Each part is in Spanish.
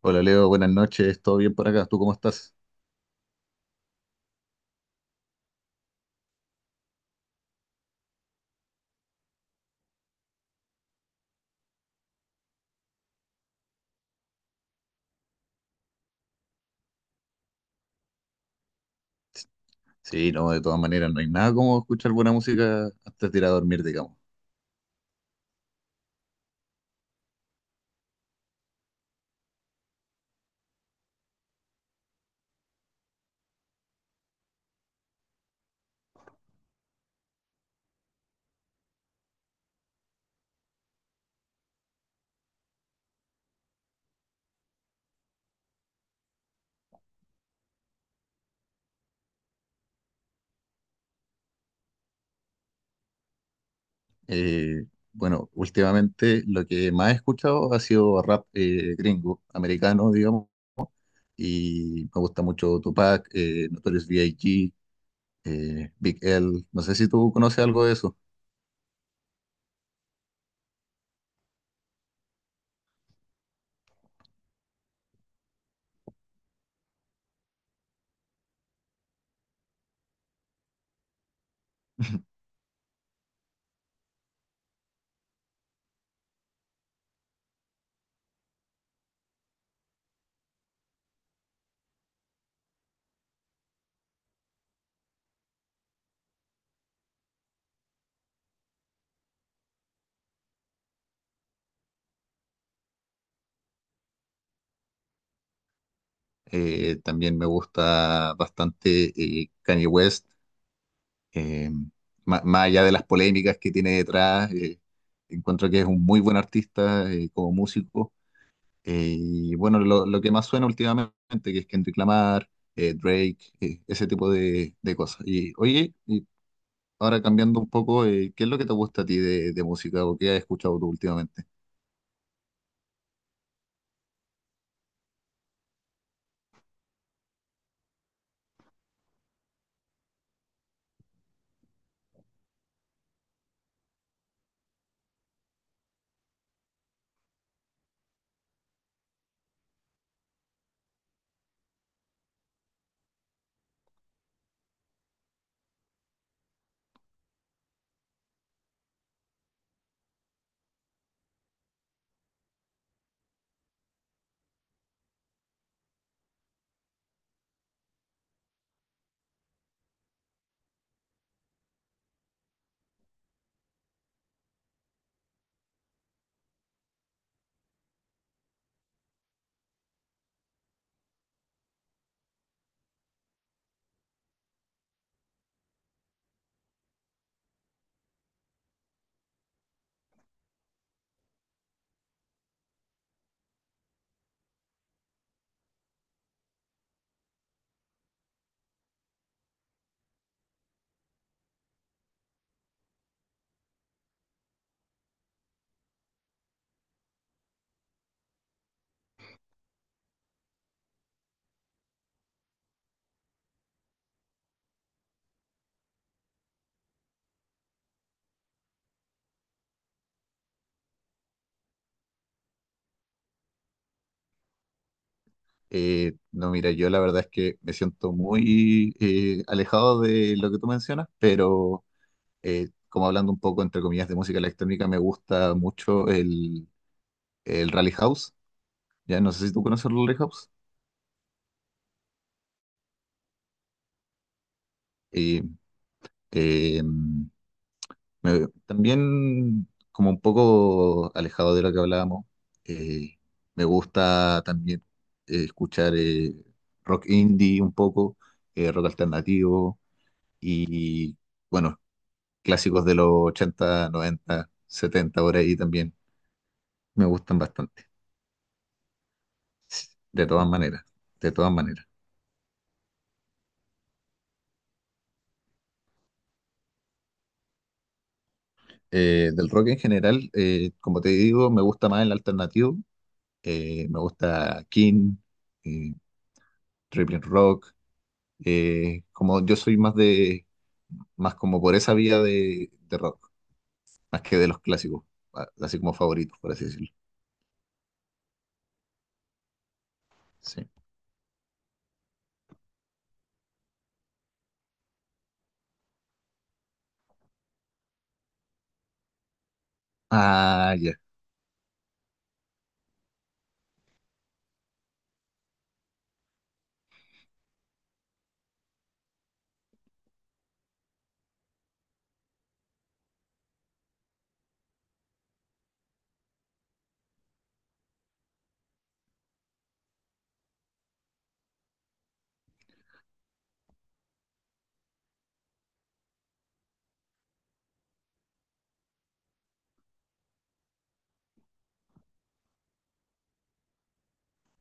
Hola Leo, buenas noches, ¿todo bien por acá? ¿Tú cómo estás? Sí, no, de todas maneras, no hay nada como escuchar buena música antes de ir a dormir, digamos. Eh, bueno, últimamente lo que más he escuchado ha sido rap gringo, americano, digamos, y me gusta mucho Tupac, Notorious B.I.G., Big L, no sé si tú conoces algo de eso. También me gusta bastante Kanye West. Eh, Más allá de las polémicas que tiene detrás, encuentro que es un muy buen artista como músico. Y bueno, lo que más suena últimamente, que es Kendrick Lamar, Drake, ese tipo de cosas. Y oye, y ahora cambiando un poco, ¿qué es lo que te gusta a ti de música o qué has escuchado tú últimamente? No, mira, yo la verdad es que me siento muy alejado de lo que tú mencionas, pero como hablando un poco entre comillas de música electrónica, me gusta mucho el Rally House. Ya no sé si tú conoces el Rally House. Y eh, mm, También, como un poco alejado de lo que hablábamos, eh, me gusta también escuchar rock indie un poco, rock alternativo y, bueno, clásicos de los 80, 90, 70, por ahí también. Me gustan bastante, de todas maneras, de todas maneras. Del rock en general, como te digo, me gusta más el alternativo. Me gusta King, eh, Tripping Rock. Como yo soy más de, más como por esa vía de rock, más que de los clásicos, así como favoritos, por así decirlo. Sí. Ah, ya.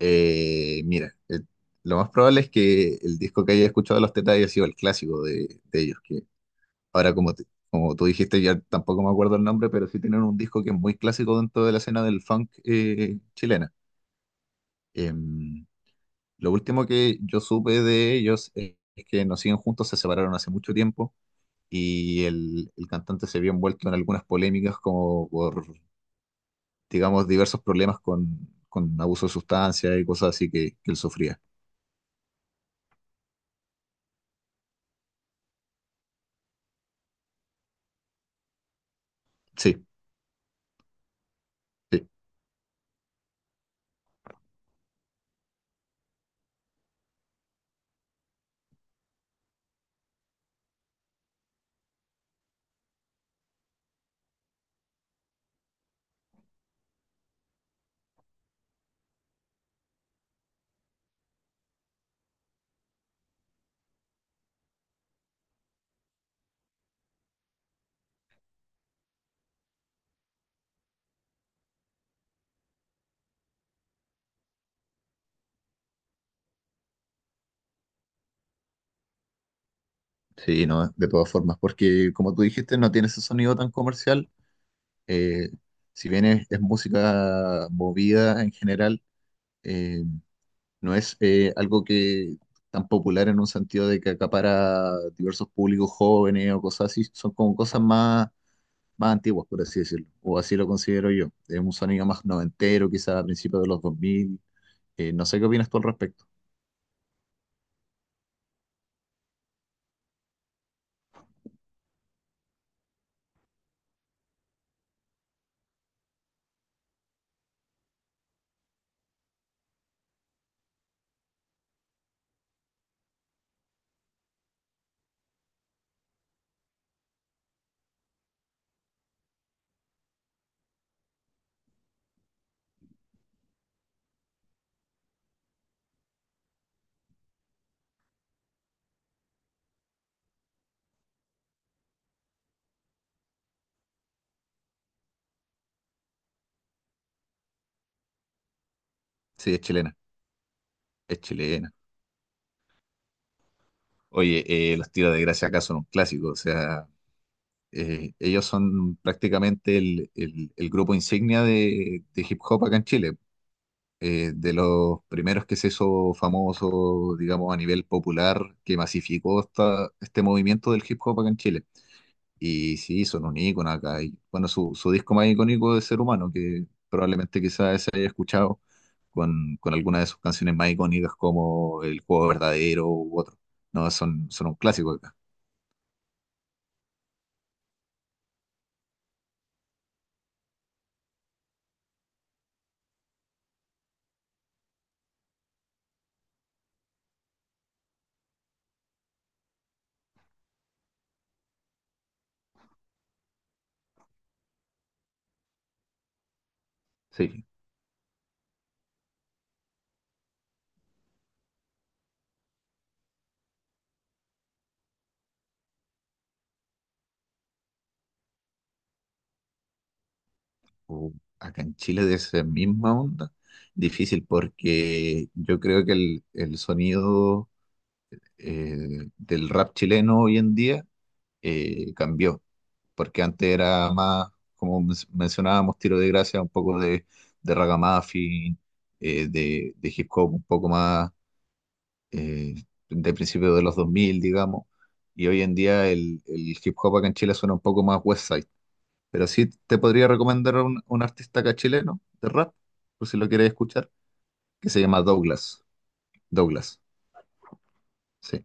Mira, lo más probable es que el disco que haya escuchado de los Tetas haya sido el clásico de ellos, que ahora, como tú dijiste, ya tampoco me acuerdo el nombre, pero sí tienen un disco que es muy clásico dentro de la escena del funk chilena. Em, lo último que yo supe de ellos es que no siguen juntos, se separaron hace mucho tiempo y el cantante se vio envuelto en algunas polémicas como por, digamos, diversos problemas con abuso de sustancias y cosas así que él sufría. Sí, sí, sí, no, de todas formas, porque como tú dijiste, no tiene ese sonido tan comercial, eh, si bien es música movida en general, eh, no es algo que tan popular en un sentido de que acapara diversos públicos jóvenes o cosas así, son como cosas más, más antiguas, por así decirlo, o así lo considero yo. Es un sonido más noventero, quizás a principios de los 2000. No sé qué opinas tú al respecto. Sí, es chilena, es chilena. Oye, los tiros de gracia acá son un clásico, o sea, ellos son prácticamente el grupo insignia de hip hop acá en Chile. De los primeros que se hizo famoso, digamos, a nivel popular, que masificó este movimiento del hip hop acá en Chile. Y sí, son un ícono acá. Y, bueno, su disco más icónico de Ser Humano, que probablemente quizás se haya escuchado con alguna de sus canciones más icónicas como El Juego Verdadero u otro. No, son, son un clásico acá. Sí. Uh, acá en Chile de esa misma onda, difícil porque yo creo que el sonido del rap chileno hoy en día cambió, porque antes era más, como mencionábamos, Tiro de Gracia, un poco de ragamuffin, de hip hop un poco más eh, de principios de los 2000, digamos, y hoy en día el hip hop acá en Chile suena un poco más West, pero sí te podría recomendar un artista acá chileno de rap, por si lo quieres escuchar, que se llama Douglas. Douglas, sí.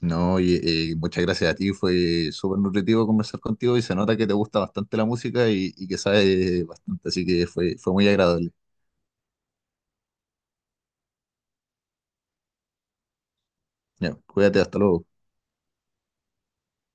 No, y, muchas gracias a ti, fue súper nutritivo conversar contigo y se nota que te gusta bastante la música y que sabes bastante, así que fue, fue muy agradable. Ya, cuídate, hasta luego.